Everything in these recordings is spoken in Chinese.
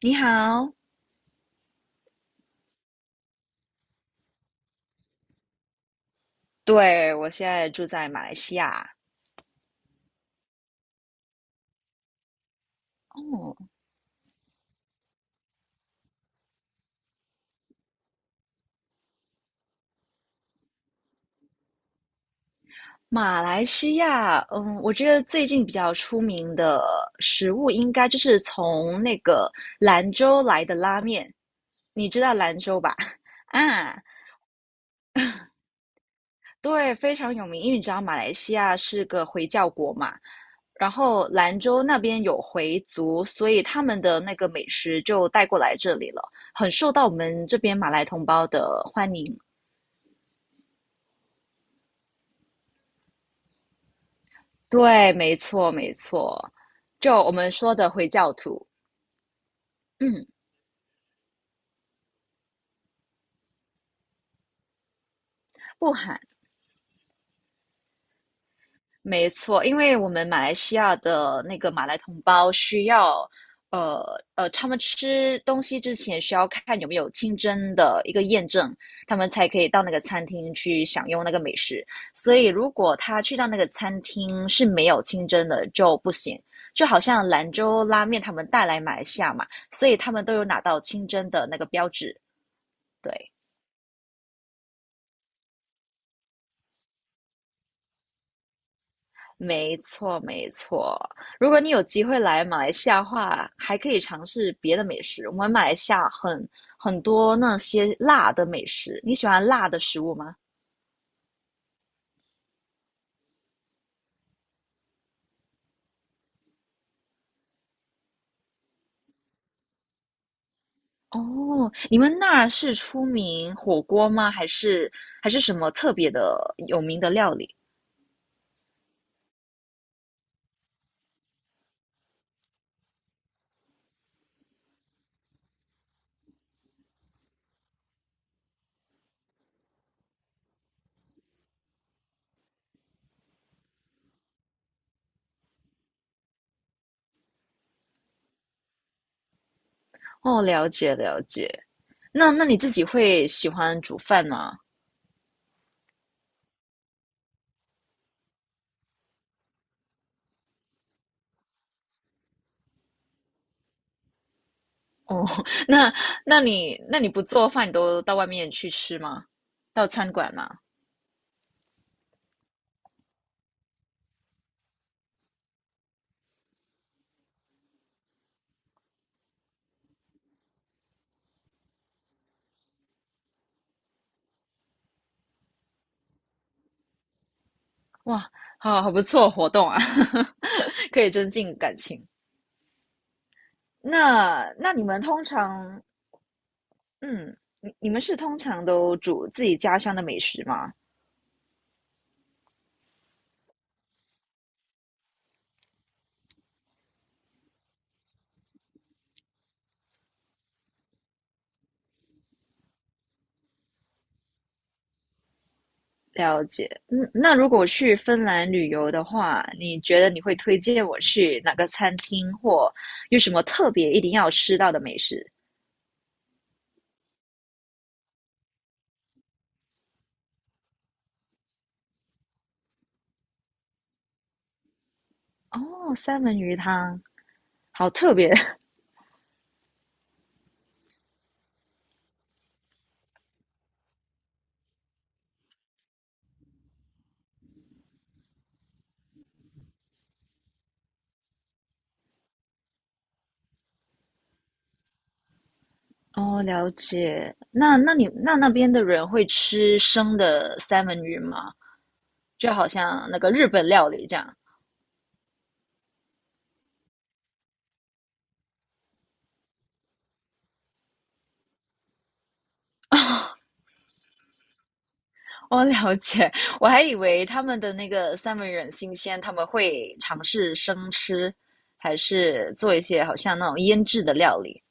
你好，对，我现在住在马来西亚。哦，马来西亚，嗯，我觉得最近比较出名的食物应该就是从那个兰州来的拉面，你知道兰州吧？啊，对，非常有名，因为你知道马来西亚是个回教国嘛，然后兰州那边有回族，所以他们的那个美食就带过来这里了，很受到我们这边马来同胞的欢迎。对，没错，没错，就我们说的回教徒，嗯，不喊，没错，因为我们马来西亚的那个马来同胞需要，呃他们吃东西之前需要看有没有清真的一个验证，他们才可以到那个餐厅去享用那个美食。所以如果他去到那个餐厅是没有清真的就不行。就好像兰州拉面他们带来马来西亚嘛，所以他们都有拿到清真的那个标志。对，没错，没错。如果你有机会来马来西亚的话，还可以尝试别的美食。我们马来西亚很多那些辣的美食，你喜欢辣的食物吗？哦，你们那儿是出名火锅吗？还是什么特别的有名的料理？哦，了解了解。那你自己会喜欢煮饭吗？哦，那你不做饭，你都到外面去吃吗？到餐馆吗？哇，好好不错活动啊，可以增进感情。那那你们通常，嗯，你们是通常都煮自己家乡的美食吗？了解。嗯，那如果去芬兰旅游的话，你觉得你会推荐我去哪个餐厅，或有什么特别一定要吃到的美食？哦，三文鱼汤，好特别。哦，了解。那那边的人会吃生的三文鱼吗？就好像那个日本料理这样。哦，了解。我还以为他们的那个三文鱼很新鲜，他们会尝试生吃，还是做一些好像那种腌制的料理。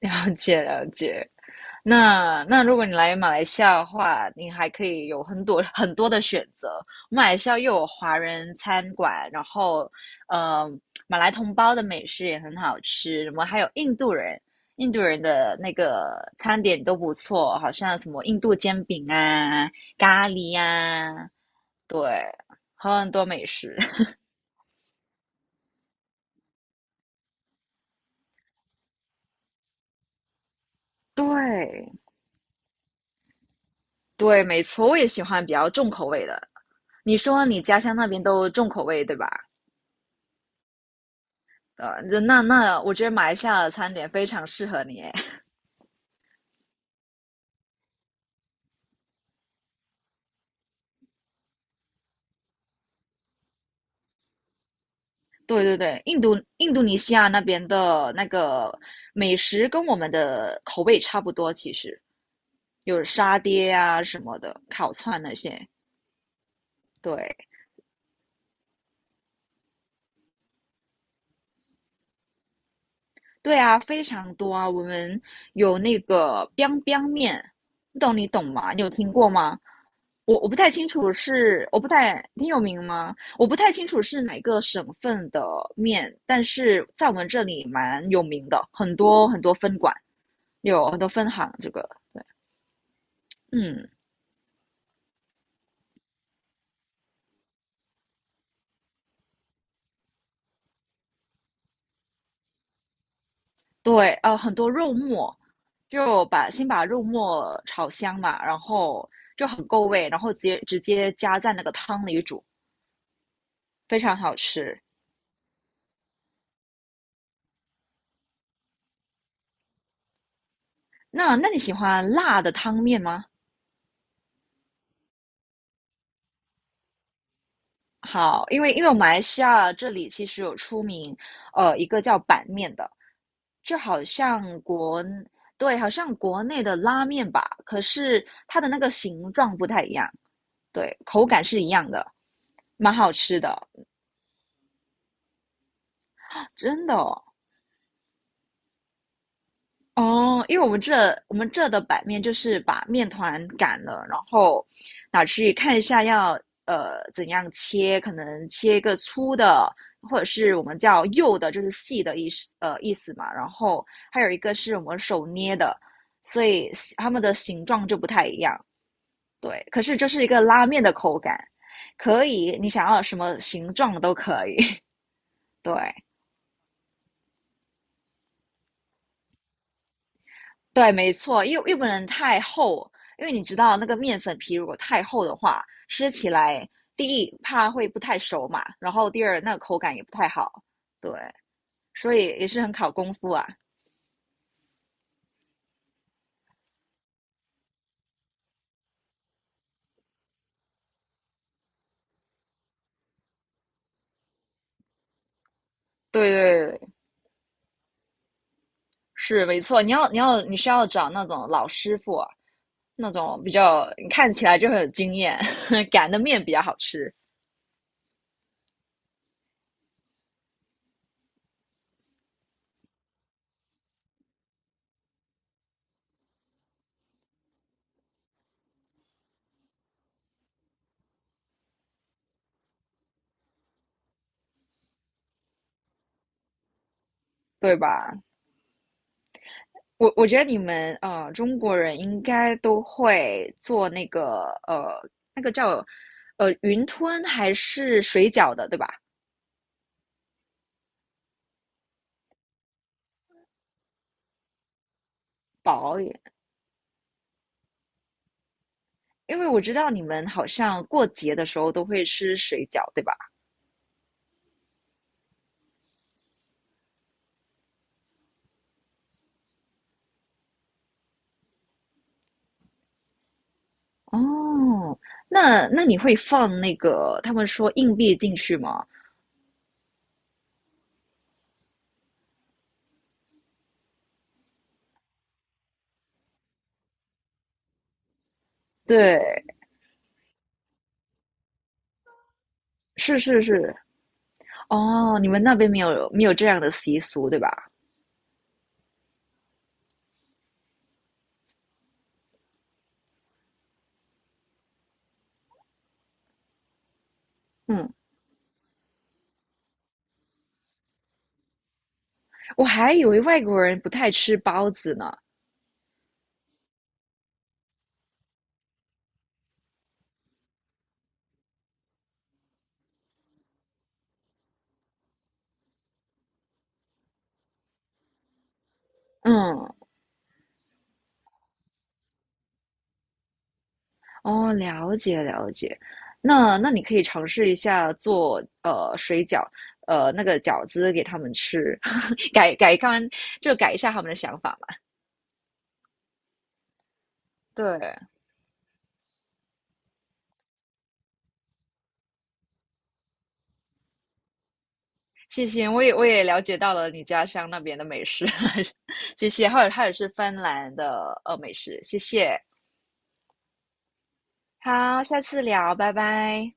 了解，了解。那那如果你来马来西亚的话，你还可以有很多很多的选择。马来西亚又有华人餐馆，然后呃，马来同胞的美食也很好吃，什么还有印度人，印度人的那个餐点都不错，好像什么印度煎饼啊、咖喱呀，对，很多美食。对对，没错，我也喜欢比较重口味的。你说你家乡那边都重口味，对吧？那那我觉得马来西亚的餐点非常适合你诶。对对对，印度尼西亚那边的那个美食跟我们的口味差不多，其实有沙爹啊什么的，烤串那些。对，对啊，非常多啊。我们有那个 biang biang 面，不懂你懂吗？你有听过吗？我不太清楚是，我不太挺有名吗？我不太清楚是哪个省份的面，但是在我们这里蛮有名的，很多很多分馆，有很多分行。这个，嗯，对，很多肉末，先把肉末炒香嘛，然后就很够味，然后直接加在那个汤里煮，非常好吃。那那你喜欢辣的汤面吗？好，因为马来西亚这里其实有出名，一个叫板面的，就好像国，对，好像国内的拉面吧，可是它的那个形状不太一样，对，口感是一样的，蛮好吃的，真的哦。哦，因为我们这的版面就是把面团擀了，然后拿去看一下要怎样切，可能切一个粗的，或者是我们叫幼的，就是细的意思意思嘛。然后还有一个是我们手捏的，所以它们的形状就不太一样。对，可是这是一个拉面的口感，可以你想要什么形状都可以。对，对，没错，又不能太厚，因为你知道那个面粉皮如果太厚的话，吃起来第一怕会不太熟嘛，然后第二那个口感也不太好，对，所以也是很考功夫啊。对对对，是没错，你需要找那种老师傅，那种比较你看起来就很有经验，擀的面比较好吃，对吧？我觉得你们中国人应该都会做那个那个叫云吞还是水饺的，对吧？薄也，因为我知道你们好像过节的时候都会吃水饺，对吧？哦，那那你会放那个他们说硬币进去吗？对，是是是，哦，你们那边没有这样的习俗，对吧？嗯，我还以为外国人不太吃包子呢。嗯，哦，了解了解。那那你可以尝试一下做水饺，那个饺子给他们吃，改改看就改一下他们的想法嘛。对，谢谢，我也了解到了你家乡那边的美食，谢谢，还有是芬兰的美食，谢谢。好，下次聊，拜拜。